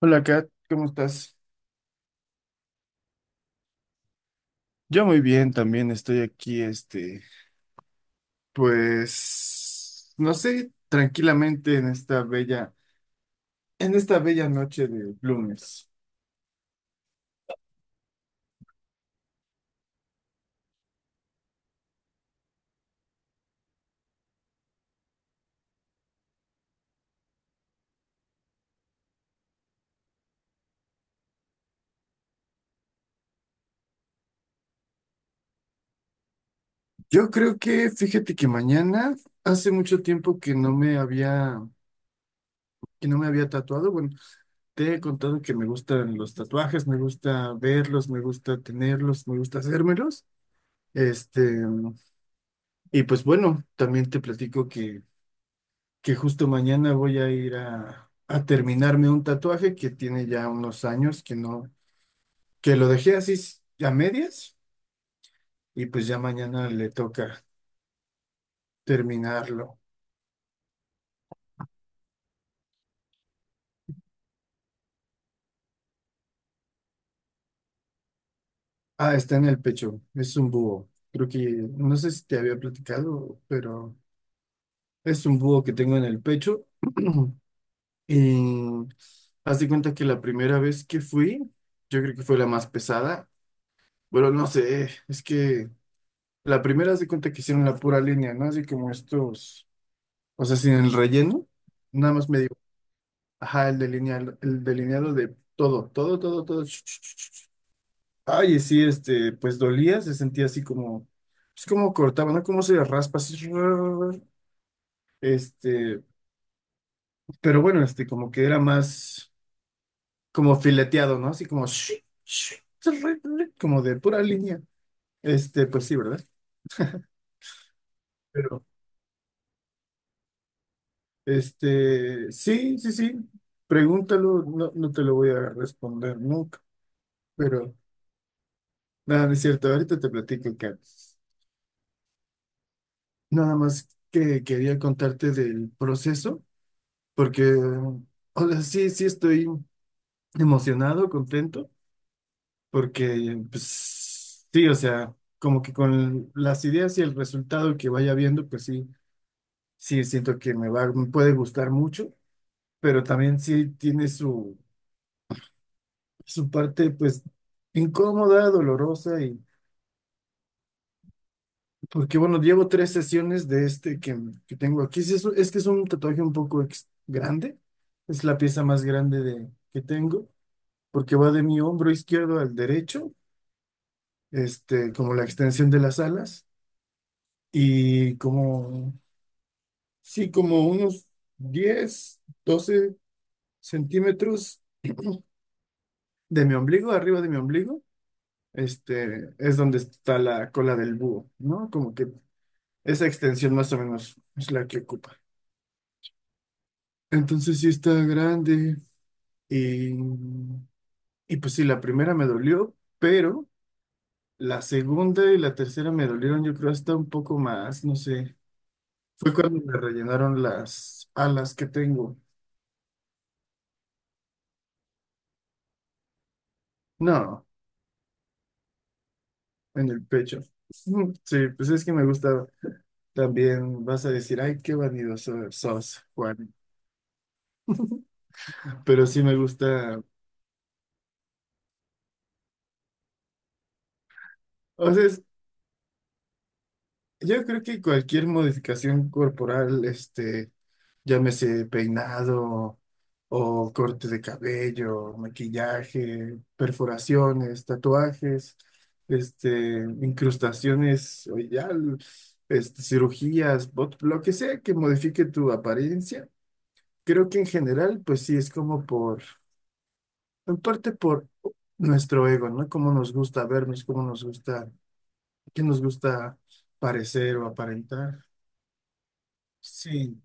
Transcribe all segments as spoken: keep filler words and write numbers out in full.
Hola, Kat, ¿cómo estás? Yo muy bien, también estoy aquí, este, pues, no sé, tranquilamente en esta bella, en esta bella noche de lunes. Yo creo que, fíjate que mañana, hace mucho tiempo que no me había, que no me había tatuado. Bueno, te he contado que me gustan los tatuajes, me gusta verlos, me gusta tenerlos, me gusta hacérmelos. Este, y pues bueno, también te platico que justo mañana voy a ir a, a terminarme un tatuaje que tiene ya unos años que no, que lo dejé así s- a medias y pues ya mañana le toca terminarlo. Ah, está en el pecho, es un búho. Creo que, no sé si te había platicado, pero es un búho que tengo en el pecho. Y haz de cuenta que la primera vez que fui, yo creo que fue la más pesada. Bueno, no sé, es que la primera haz de cuenta que hicieron la pura línea, ¿no? Así como estos. O sea, sin el relleno, nada más me digo, ajá, el delineado, el delineado de todo, todo, todo, todo. Ch, ch, ch, ch. Ay, y sí, este, pues dolía, se sentía así como, es como cortaba, ¿no? Como se raspa así. Este, pero bueno, este, como que era más, como fileteado, ¿no? Así como, sh- sh- como de pura línea. Este, pues sí, ¿verdad? Pero, este, sí, sí, sí, pregúntalo, no, no te lo voy a responder nunca, pero... No, no es cierto, ahorita te platico, Kat. Nada más que quería contarte del proceso, porque, o sea, sí, sí estoy emocionado, contento, porque, pues, sí, o sea, como que con las ideas y el resultado que vaya viendo, pues sí, sí siento que me va, me puede gustar mucho, pero también sí tiene su, su parte, pues, incómoda, dolorosa. Porque bueno, llevo tres sesiones de este que, que tengo aquí. Sí, Es, es que es un tatuaje un poco ex- grande. Es la pieza más grande de, que tengo, porque va de mi hombro izquierdo al derecho, este, como la extensión de las alas. Y como, sí, como unos diez doce centímetros de mi ombligo, arriba de mi ombligo, este, es donde está la cola del búho, ¿no? Como que esa extensión más o menos es la que ocupa. Entonces sí está grande. Y, y pues sí, la primera me dolió, pero la segunda y la tercera me dolieron, yo creo, hasta un poco más, no sé. Fue cuando me rellenaron las alas que tengo. No, en el pecho. Mm, sí, pues es que me gusta también, vas a decir, ay, qué vanidoso sos, Juan. Pero sí me gusta, o sea, es yo creo que cualquier modificación corporal, este, llámese peinado o corte de cabello, maquillaje, perforaciones, tatuajes, este, incrustaciones, o ya, este, cirugías, bot- lo que sea que modifique tu apariencia, creo que en general, pues sí, es como por, en parte por nuestro ego, ¿no? Cómo nos gusta vernos, cómo nos gusta, qué nos gusta parecer o aparentar. Sí,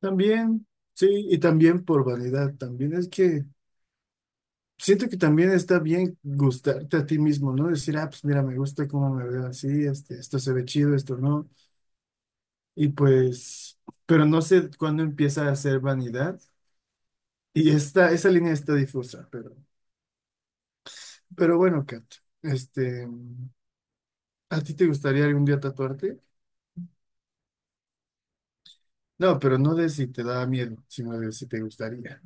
también, sí, y también por vanidad, también es que siento que también está bien gustarte a ti mismo, ¿no? Decir, ah, pues mira, me gusta cómo me veo así, este, esto se ve chido, esto no, y pues, pero no sé cuándo empieza a ser vanidad, y esta, esa línea está difusa, pero, pero bueno, Kat, este, ¿a ti te gustaría algún día tatuarte? No, pero no de si te da miedo, sino de si te gustaría.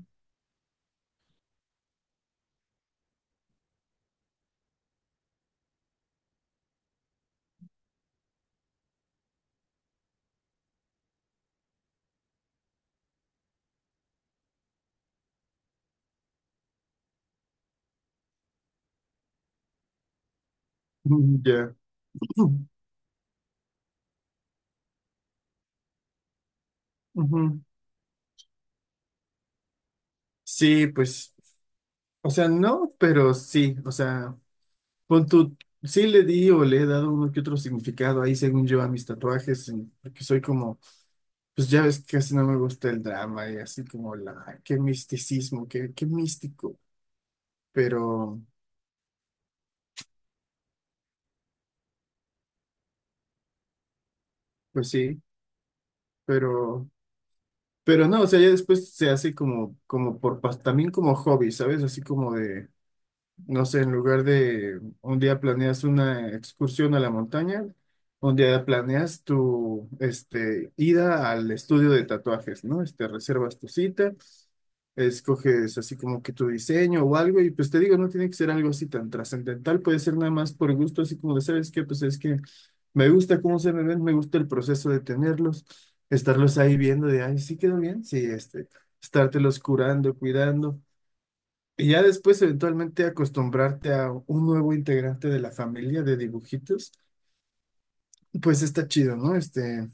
Mm, ya. Ujú. Sí, pues, o sea, no, pero sí, o sea, pon tu, sí le di o le he dado uno que otro significado ahí según yo a mis tatuajes, en- porque soy como, pues ya ves que casi no me gusta el drama y así como la, qué misticismo, qué, qué místico, pero, pues sí, pero, pero no, o sea, ya después se hace como, como por, pas- también como hobby, ¿sabes? Así como de no sé, en lugar de un día planeas una excursión a la montaña, un día planeas tu este, ida al estudio de tatuajes, ¿no? Este, reservas tu cita, escoges así como que tu diseño o algo, y pues te digo, no tiene que ser algo así tan trascendental, puede ser nada más por gusto, así como de, ¿sabes qué? Pues es que me gusta cómo se me ven, me gusta el proceso de tenerlos, estarlos ahí viendo de, ay, sí quedó bien, sí, este, estártelos curando, cuidando. Y ya después, eventualmente, acostumbrarte a un nuevo integrante de la familia de dibujitos, pues está chido, ¿no? Este,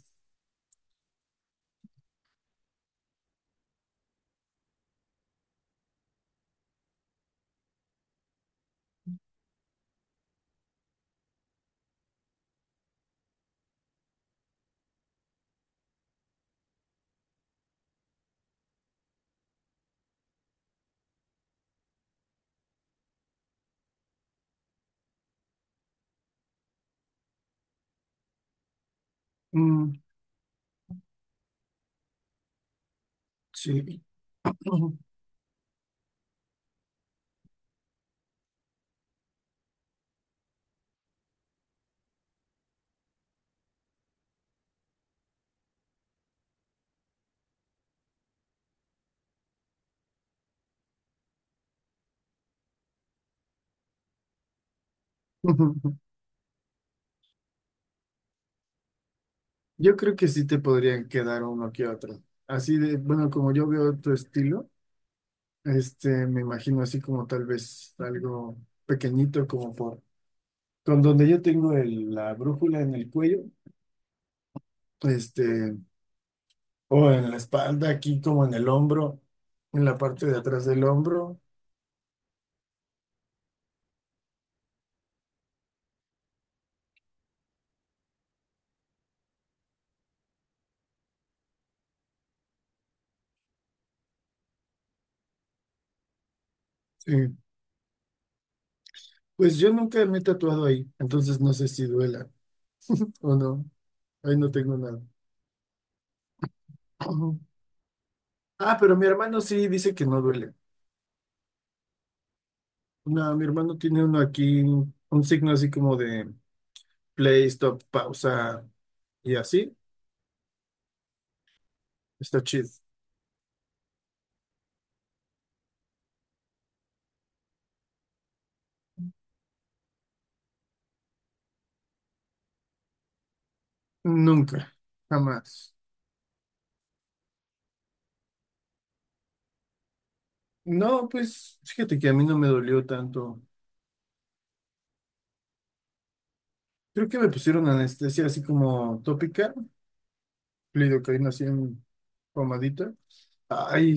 mm, sí. Yo creo que sí te podrían quedar uno que otro. Así de, bueno, como yo veo tu estilo, este, me imagino así como tal vez algo pequeñito, como por, con donde yo tengo el- la brújula en el cuello, este, o en la espalda, aquí como en el hombro, en la parte de atrás del hombro. Sí. Pues yo nunca me he tatuado ahí, entonces no sé si duela o no. Ahí no tengo nada. Ujú. Ah, pero mi hermano sí dice que no duele. No, mi hermano tiene uno aquí, un signo así como de play, stop, pausa y así. Está chido. Nunca, jamás. No, pues fíjate que a mí no me dolió tanto. Creo que me pusieron anestesia así como tópica, lidocaína así en pomadita. Ay,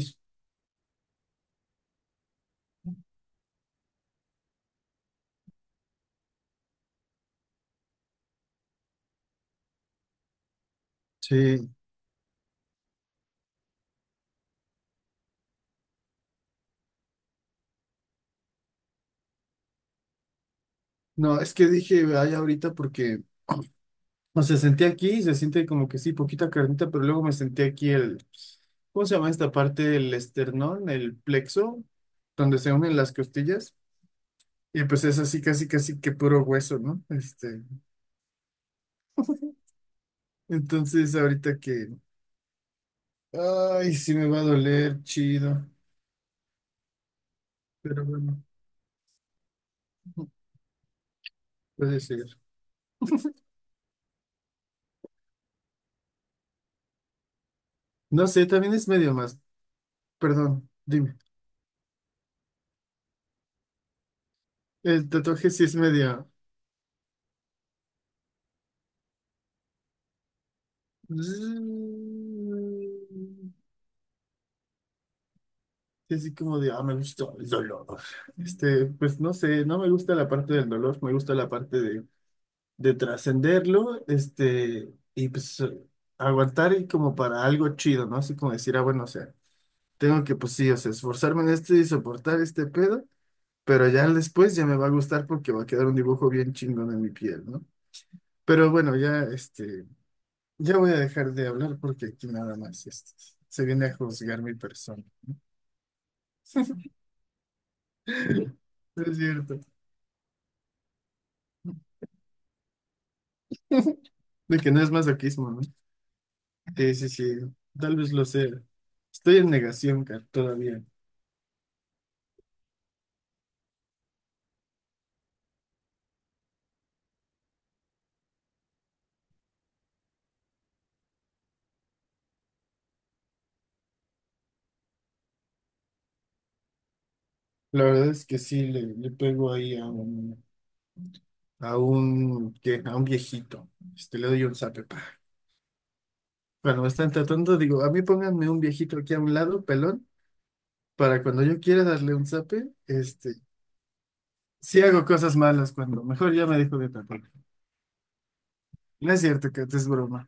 sí. No, es que dije, ay, ahorita porque, o sea, senté aquí, se siente como que sí, poquita carnita, pero luego me senté aquí el, ¿cómo se llama esta parte del esternón, el plexo, donde se unen las costillas? Y pues es así, casi, casi que puro hueso, ¿no? Este, entonces ahorita que, ay, sí me va a doler, chido, pero bueno, puede ser. No sé, también es medio más, perdón, dime, el tatuaje sí es medio... Sí, así como de, ah, me gusta el dolor. Este, pues no sé, no me gusta la parte del dolor, me gusta la parte de, de trascenderlo, este, y pues eh, aguantar y como para algo chido, ¿no? Así como decir, ah, bueno, o sea, tengo que, pues sí, o sea, esforzarme en esto y soportar este pedo, pero ya después ya me va a gustar porque va a quedar un dibujo bien chingón en mi piel, ¿no? Pero bueno, ya, este, ya voy a dejar de hablar porque aquí nada más, este, se viene a juzgar mi persona. No es cierto. De que no es masoquismo, ¿no? Sí, sí, sí. Tal vez lo sea. Estoy en negación, Kat, todavía. La verdad es que sí, le, le pego ahí a un, a un, ¿qué? A un viejito. Este, le doy un zape, pa. Cuando me están tratando, digo, a mí pónganme un viejito aquí a un lado, pelón, para cuando yo quiera darle un zape, este, sí hago cosas malas cuando mejor ya me dejo de tapar. No es cierto, Kat, es broma.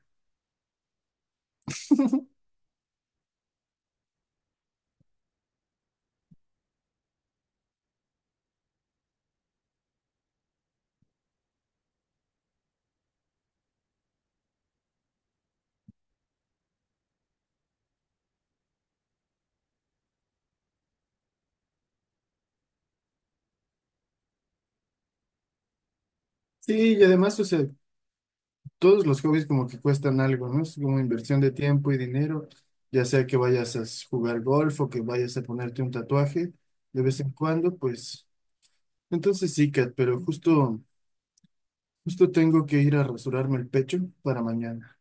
Sí, y además, o sea, todos los hobbies como que cuestan algo, ¿no? Es como inversión de tiempo y dinero, ya sea que vayas a s- jugar golf o que vayas a ponerte un tatuaje de vez en cuando, pues entonces sí, Kat, pero justo, justo tengo que ir a rasurarme el pecho para mañana.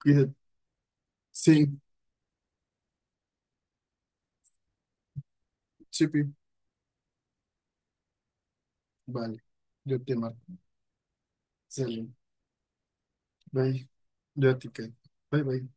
Cuídate. Sí, sí, pi. Vale, yo te marco. Sale, bye, yo a ti, Kat. Bye, bye.